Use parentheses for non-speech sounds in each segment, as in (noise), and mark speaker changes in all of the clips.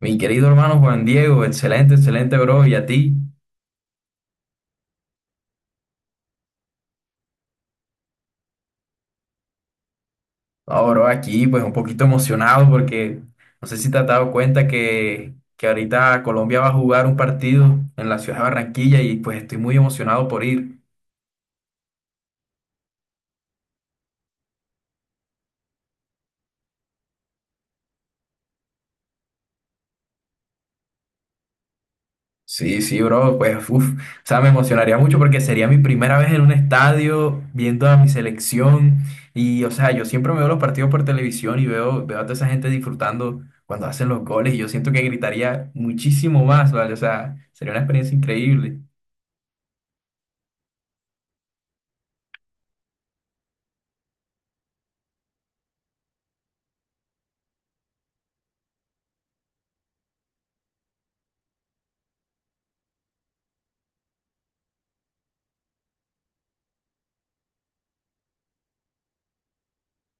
Speaker 1: Mi querido hermano Juan Diego, excelente, excelente, bro. Y a ti, ahora bro, aquí pues un poquito emocionado porque no sé si te has dado cuenta que ahorita Colombia va a jugar un partido en la ciudad de Barranquilla y pues estoy muy emocionado por ir. Sí, sí, bro, pues, uf, o sea, me emocionaría mucho porque sería mi primera vez en un estadio viendo a mi selección y, o sea, yo siempre me veo los partidos por televisión y veo a toda esa gente disfrutando cuando hacen los goles y yo siento que gritaría muchísimo más, ¿vale? O sea, sería una experiencia increíble.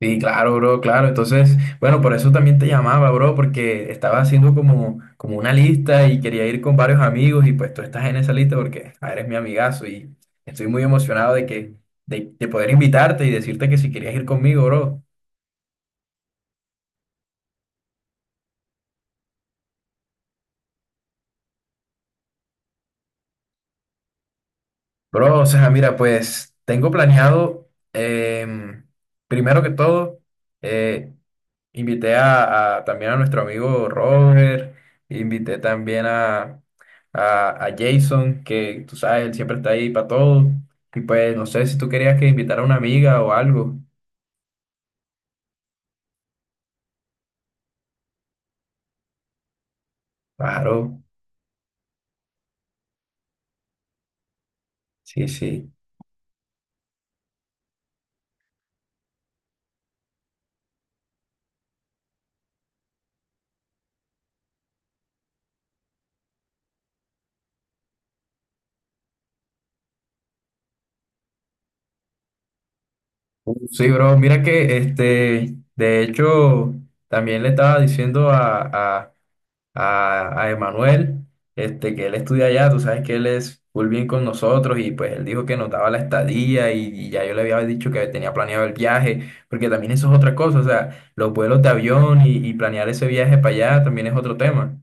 Speaker 1: Sí, claro, bro, claro. Entonces, bueno, por eso también te llamaba, bro, porque estaba haciendo como una lista y quería ir con varios amigos y pues tú estás en esa lista porque ah, eres mi amigazo y estoy muy emocionado de poder invitarte y decirte que si querías ir conmigo, bro. Bro, o sea, mira, pues tengo planeado, em, primero que todo, eh, invité a, también a nuestro amigo Robert, invité también a Jason, que tú sabes, él siempre está ahí para todo. Y pues no sé si tú querías que invitara a una amiga o algo. Claro, sí, sí. Sí, bro, mira que este, de hecho, también le estaba diciendo a Emanuel, este, que él estudia allá, tú sabes que él es full bien con nosotros y pues él dijo que nos daba la estadía y ya yo le había dicho que tenía planeado el viaje, porque también eso es otra cosa, o sea, los vuelos de avión y planear ese viaje para allá también es otro tema.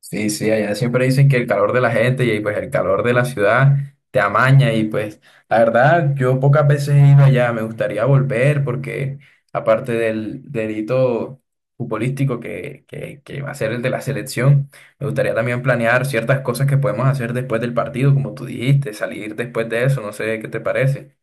Speaker 1: Sí, sí, allá siempre dicen que el calor de la gente y pues el calor de la ciudad te amaña y pues la verdad yo pocas veces he ido allá, me gustaría volver porque aparte del hito futbolístico que va a ser el de la selección, me gustaría también planear ciertas cosas que podemos hacer después del partido, como tú dijiste, salir después de eso, no sé qué te parece.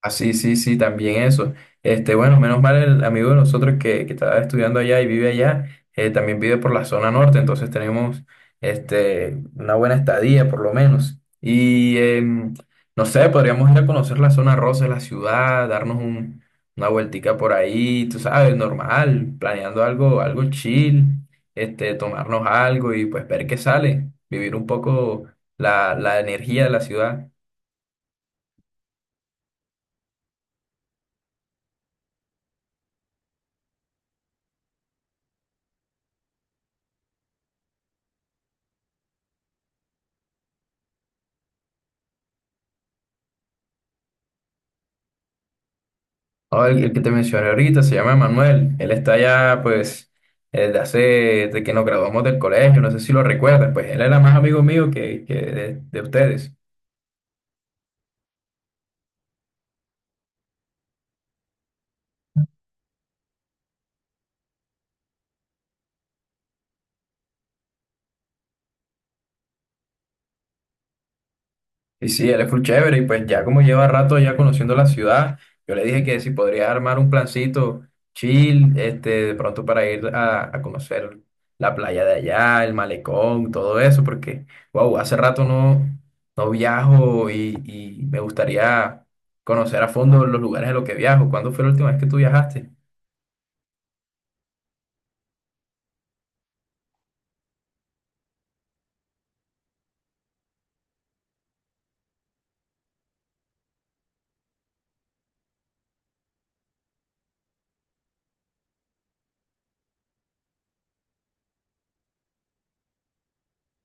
Speaker 1: Ah, sí, sí, sí, también eso. Este, bueno, menos mal el amigo de nosotros que estaba estudiando allá y vive allá, también vive por la zona norte, entonces tenemos este, una buena estadía por lo menos. Y no sé, podríamos ir a conocer la zona rosa de la ciudad, darnos una vueltica por ahí, tú sabes, normal, planeando algo, algo chill, este, tomarnos algo y pues ver qué sale, vivir un poco la energía de la ciudad. Oh, el que te mencioné ahorita se llama Manuel. Él está ya, pues, desde hace, de que nos graduamos del colegio, no sé si lo recuerdas, pues él era más amigo mío que de ustedes. Y sí, él es full chévere y pues ya como lleva rato ya conociendo la ciudad, yo le dije que si podría armar un plancito chill, este, de pronto para ir a conocer la playa de allá, el malecón, todo eso, porque, wow, hace rato no, no viajo y me gustaría conocer a fondo los lugares de los que viajo. ¿Cuándo fue la última vez que tú viajaste?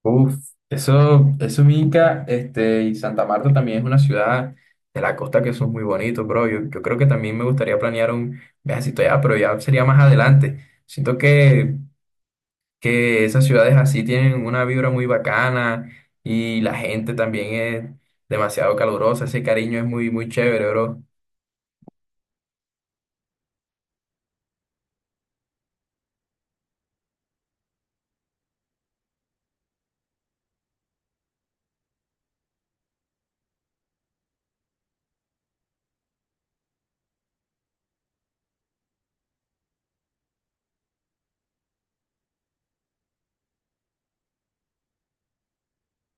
Speaker 1: Uf, eso es Inca, este, y Santa Marta también es una ciudad de la costa que son muy bonitos, bro. Yo creo que también me gustaría planear un viajecito allá, pero ya sería más adelante. Siento que esas ciudades así tienen una vibra muy bacana y la gente también es demasiado calurosa, ese cariño es muy, muy chévere, bro.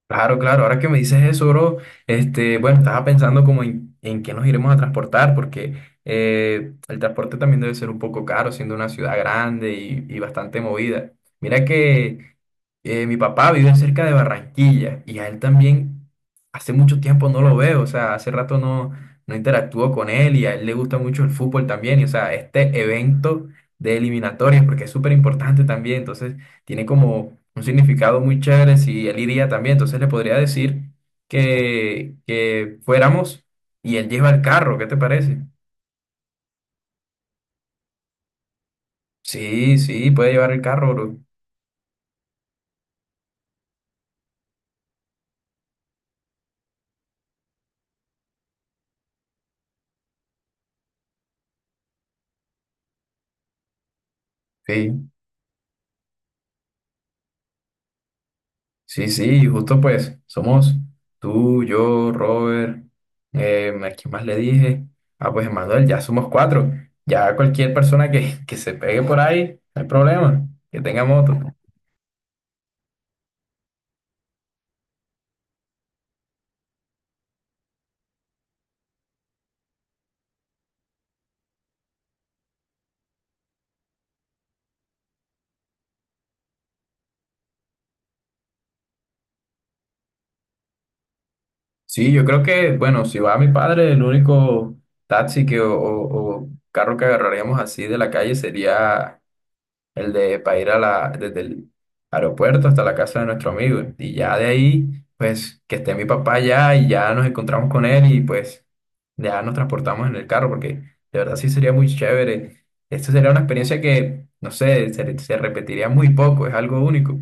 Speaker 1: Claro, claro, ahora que me dices eso, bro, este, bueno, estaba pensando como en qué nos iremos a transportar, porque el transporte también debe ser un poco caro, siendo una ciudad grande y bastante movida. Mira que mi papá vive cerca de Barranquilla y a él también hace mucho tiempo no lo veo, o sea, hace rato no, no interactúo con él y a él le gusta mucho el fútbol también, y o sea, este evento de eliminatorias, porque es súper importante también, entonces tiene como un significado muy chévere si él iría también. Entonces le podría decir que fuéramos y él lleva el carro, ¿qué te parece? Sí, sí, puede llevar el carro, bro. Sí, sí, sí, y justo pues somos tú, yo, Robert, ¿a quién más le dije? Ah, pues Manuel, ya somos cuatro. Ya cualquier persona que se pegue por ahí, no hay problema, que tenga moto. Sí, yo creo que, bueno, si va mi padre, el único taxi que, o carro que agarraríamos así de la calle sería el de para ir a la, desde el aeropuerto hasta la casa de nuestro amigo. Y ya de ahí, pues, que esté mi papá ya y ya nos encontramos con él y pues ya nos transportamos en el carro, porque de verdad sí sería muy chévere. Esto sería una experiencia que, no sé, se repetiría muy poco, es algo único.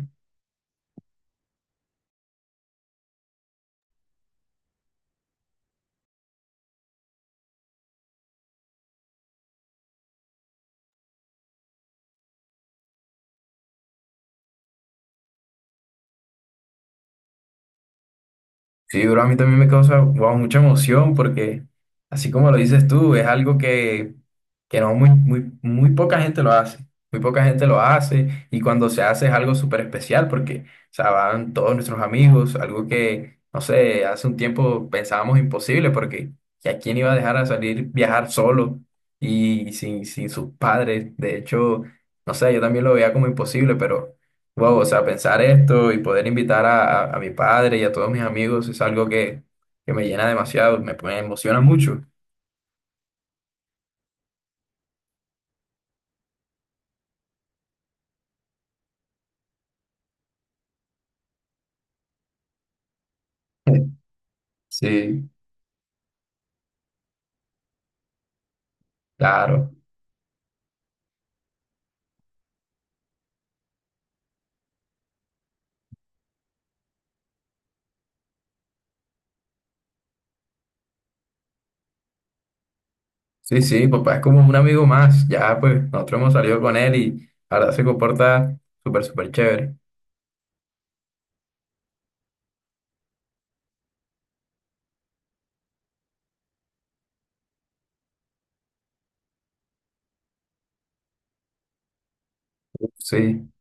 Speaker 1: Sí, bro, a mí también me causa, wow, mucha emoción porque, así como lo dices tú, es algo que no muy poca gente lo hace. Muy poca gente lo hace y cuando se hace es algo súper especial porque, o sea, van todos nuestros amigos, algo que, no sé, hace un tiempo pensábamos imposible porque ¿a quién iba a dejar a salir viajar solo y sin sus padres? De hecho, no sé, yo también lo veía como imposible, pero... Wow, o sea, pensar esto y poder invitar a mi padre y a todos mis amigos es algo que me llena demasiado, me emociona mucho. (laughs) Sí, claro. Sí, sí, papá es como un amigo más. Ya, pues, nosotros hemos salido con él y la verdad se comporta súper, súper chévere. Sí.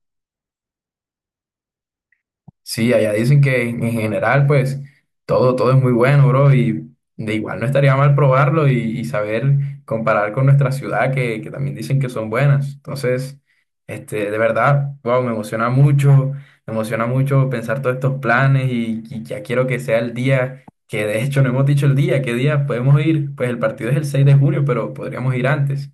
Speaker 1: Sí, allá dicen que en general, pues, todo es muy bueno, bro, y de igual no estaría mal probarlo y saber comparar con nuestra ciudad, que también dicen que son buenas. Entonces, este, de verdad, wow, me emociona mucho pensar todos estos planes y ya quiero que sea el día, que de hecho no hemos dicho el día, ¿qué día podemos ir? Pues el partido es el 6 de junio, pero podríamos ir antes.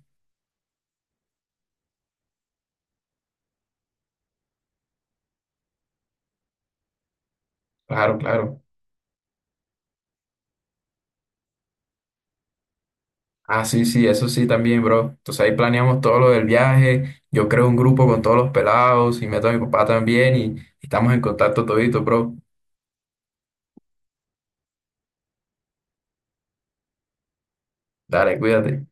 Speaker 1: Claro, claro. Ah, sí, sí, eso sí también, bro. Entonces ahí planeamos todo lo del viaje. Yo creo un grupo con todos los pelados y meto a mi papá también y estamos en contacto todito, bro. Dale, cuídate.